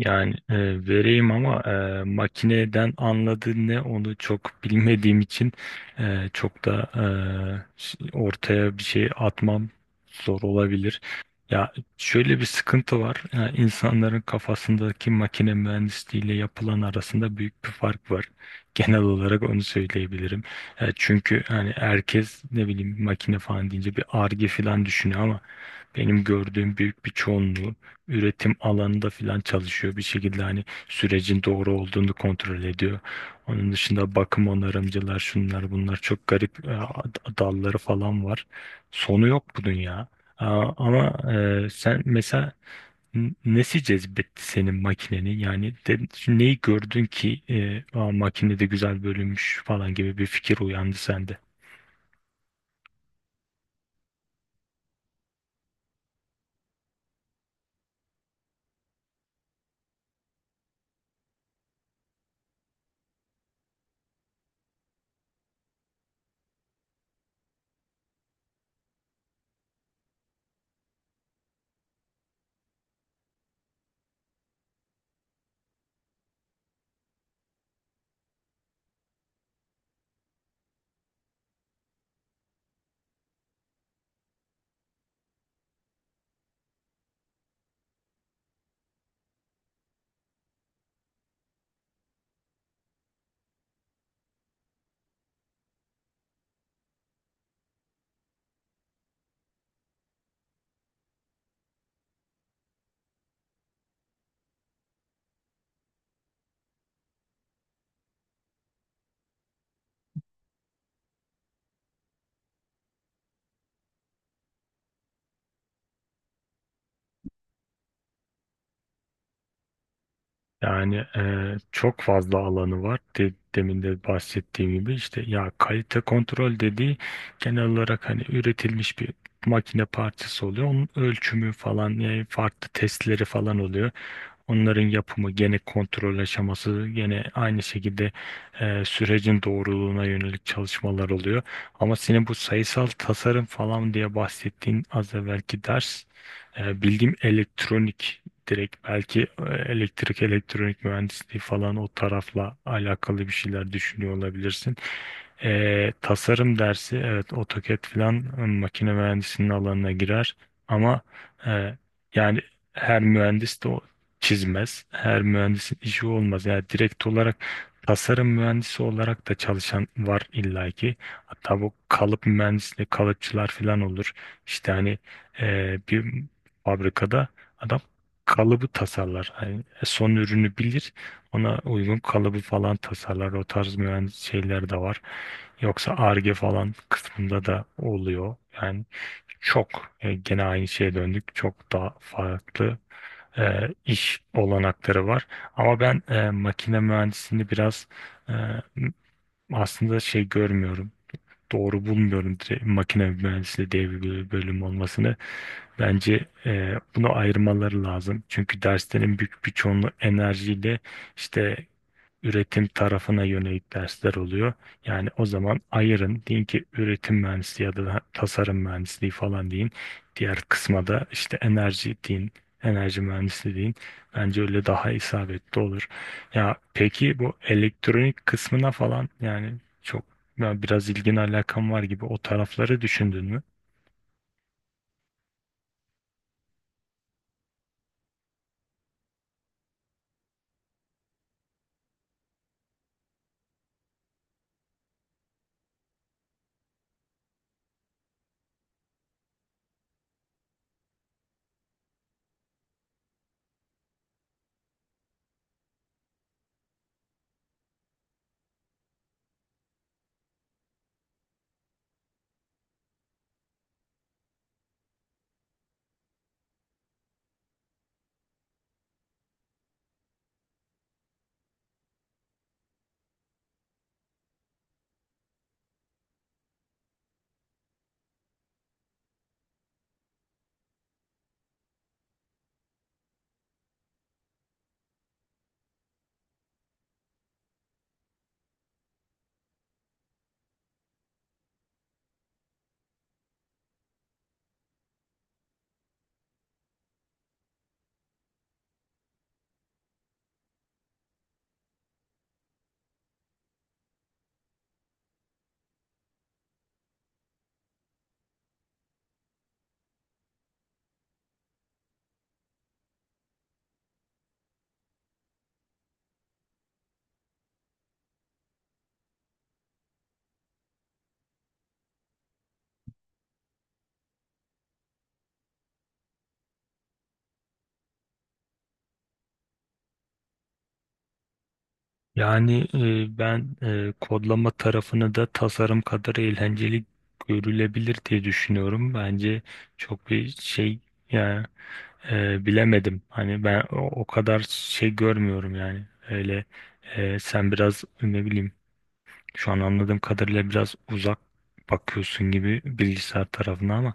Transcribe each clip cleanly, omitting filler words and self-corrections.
Yani vereyim ama makineden anladığı ne onu çok bilmediğim için e, çok da e, ş- ortaya bir şey atmam zor olabilir. Ya şöyle bir sıkıntı var. İnsanların kafasındaki makine mühendisliği ile yapılan arasında büyük bir fark var. Genel olarak onu söyleyebilirim. Çünkü hani herkes ne bileyim makine falan deyince bir arge falan düşünüyor ama benim gördüğüm büyük bir çoğunluğu üretim alanında falan çalışıyor. Bir şekilde hani sürecin doğru olduğunu kontrol ediyor. Onun dışında bakım onarımcılar şunlar bunlar çok garip dalları falan var. Sonu yok bunun ya. Aa, ama sen mesela nesi cezbetti senin makineni? Neyi gördün ki "Aa, makine de güzel bölünmüş" falan gibi bir fikir uyandı sende. Yani çok fazla alanı var. Demin de bahsettiğim gibi işte ya kalite kontrol dediği genel olarak hani üretilmiş bir makine parçası oluyor. Onun ölçümü falan yani farklı testleri falan oluyor. Onların yapımı gene kontrol aşaması gene aynı şekilde sürecin doğruluğuna yönelik çalışmalar oluyor. Ama senin bu sayısal tasarım falan diye bahsettiğin az evvelki ders bildiğim elektronik direkt belki elektrik elektronik mühendisliği falan o tarafla alakalı bir şeyler düşünüyor olabilirsin. Tasarım dersi evet AutoCAD falan makine mühendisinin alanına girer ama e, yani her mühendis de çizmez. Her mühendisin işi olmaz. Yani direkt olarak tasarım mühendisi olarak da çalışan var illaki. Hatta bu kalıp mühendisliği kalıpçılar falan olur. İşte hani bir fabrikada adam kalıbı tasarlar. Hani son ürünü bilir. Ona uygun kalıbı falan tasarlar. O tarz mühendis şeyler de var. Yoksa Ar-Ge falan kısmında da oluyor. Yani çok gene aynı şeye döndük. Çok daha farklı iş olanakları var. Ama ben makine mühendisliğini biraz e, m- aslında şey görmüyorum. Doğru bulmuyorum direkt makine mühendisliği diye bir bölüm olmasını. Bence bunu ayırmaları lazım. Çünkü derslerin büyük bir çoğunluğu enerjiyle işte üretim tarafına yönelik dersler oluyor. Yani o zaman ayırın deyin ki üretim mühendisliği ya da tasarım mühendisliği falan deyin. Diğer kısma da işte enerji deyin, enerji mühendisliği deyin. Bence öyle daha isabetli olur. Ya peki bu elektronik kısmına falan yani çok ya biraz ilgin alakan var gibi o tarafları düşündün mü? Yani ben kodlama tarafını da tasarım kadar eğlenceli görülebilir diye düşünüyorum. Bence çok bir şey yani bilemedim. Hani ben o kadar şey görmüyorum yani. Öyle sen biraz ne bileyim şu an anladığım kadarıyla biraz uzak bakıyorsun gibi bilgisayar tarafına ama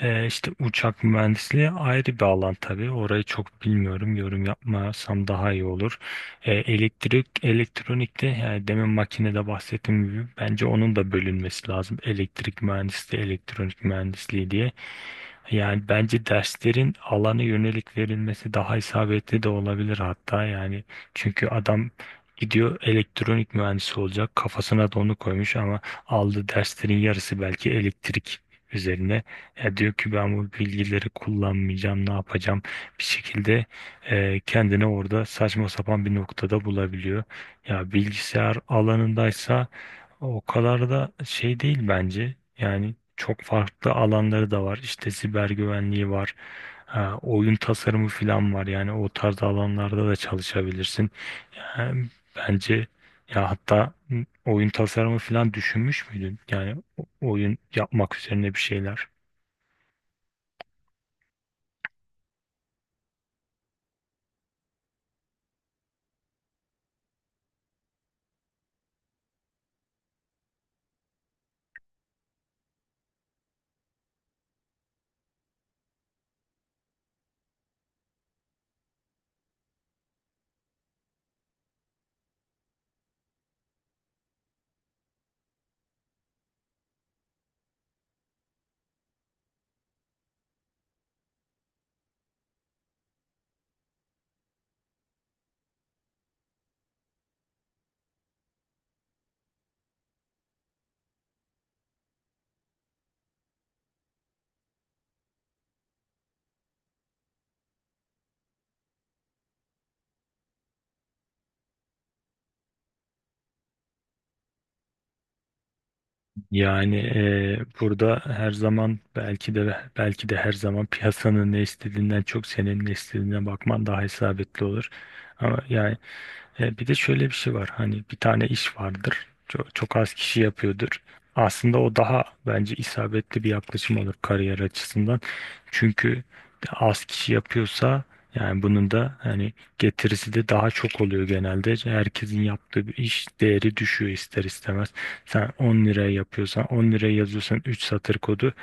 işte uçak mühendisliği ayrı bir alan tabii. Orayı çok bilmiyorum. Yorum yapmasam daha iyi olur. Elektrik, elektronikte yani demin makinede bahsettiğim gibi bence onun da bölünmesi lazım. Elektrik mühendisliği, elektronik mühendisliği diye. Yani bence derslerin alana yönelik verilmesi daha isabetli de olabilir hatta yani çünkü adam gidiyor elektronik mühendisi olacak kafasına da onu koymuş ama aldığı derslerin yarısı belki elektrik üzerine. Ya diyor ki ben bu bilgileri kullanmayacağım ne yapacağım bir şekilde kendini orada saçma sapan bir noktada bulabiliyor. Ya bilgisayar alanındaysa o kadar da şey değil bence. Yani çok farklı alanları da var. İşte siber güvenliği var. Ha, oyun tasarımı falan var. Yani o tarz alanlarda da çalışabilirsin. Yani bence ya hatta oyun tasarımı falan düşünmüş müydün? Oyun yapmak üzerine bir şeyler. Yani burada her zaman belki de her zaman piyasanın ne istediğinden çok senin ne istediğine bakman daha isabetli olur. Ama yani bir de şöyle bir şey var. Hani bir tane iş vardır. Çok, çok az kişi yapıyordur. Aslında o daha bence isabetli bir yaklaşım olur kariyer açısından. Çünkü az kişi yapıyorsa yani bunun da hani getirisi de daha çok oluyor genelde. Herkesin yaptığı bir iş değeri düşüyor ister istemez. Sen 10 liraya yazıyorsan 3 satır kodu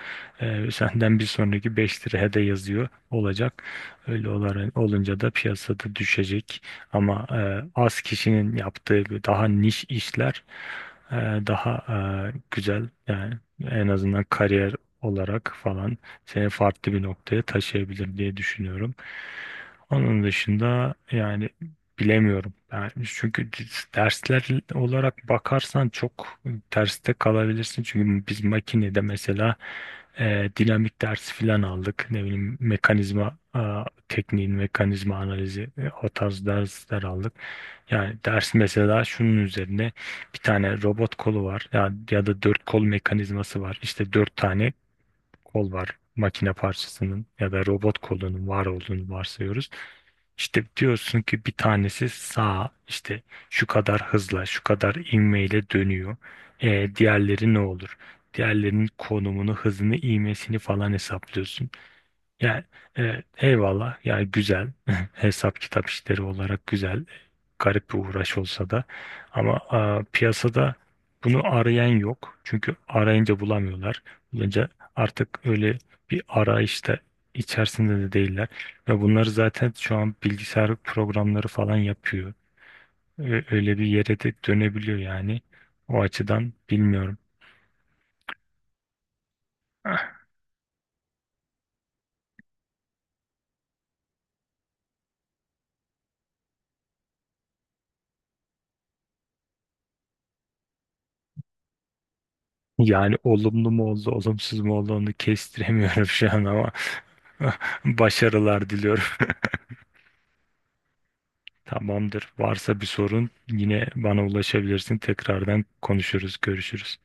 senden bir sonraki 5 liraya da yazıyor olacak. Öyle olunca da piyasada düşecek. Ama az kişinin yaptığı daha niş işler e, daha güzel yani en azından kariyer olarak falan seni farklı bir noktaya taşıyabilir diye düşünüyorum. Onun dışında yani bilemiyorum. Yani çünkü dersler olarak bakarsan çok terste kalabilirsin. Çünkü biz makinede mesela dinamik dersi filan aldık. Ne bileyim tekniğin mekanizma analizi o tarz dersler aldık. Yani ders mesela şunun üzerine bir tane robot kolu var ya, ya da dört kol mekanizması var. İşte dört tane kol var makine parçasının ya da robot kolunun var olduğunu varsayıyoruz. İşte diyorsun ki bir tanesi sağa işte şu kadar hızla şu kadar ivmeyle dönüyor. Diğerleri ne olur? Diğerlerinin konumunu, hızını, ivmesini falan hesaplıyorsun. Yani eyvallah yani güzel hesap kitap işleri olarak güzel garip bir uğraş olsa da ama piyasada bunu arayan yok çünkü arayınca bulamıyorlar, bulunca artık öyle bir arayışta içerisinde de değiller ve bunları zaten şu an bilgisayar programları falan yapıyor. Öyle bir yere de dönebiliyor yani o açıdan bilmiyorum. Yani olumlu mu oldu, olumsuz mu oldu onu kestiremiyorum şu an ama. Başarılar diliyorum. Tamamdır. Varsa bir sorun yine bana ulaşabilirsin. Tekrardan konuşuruz, görüşürüz.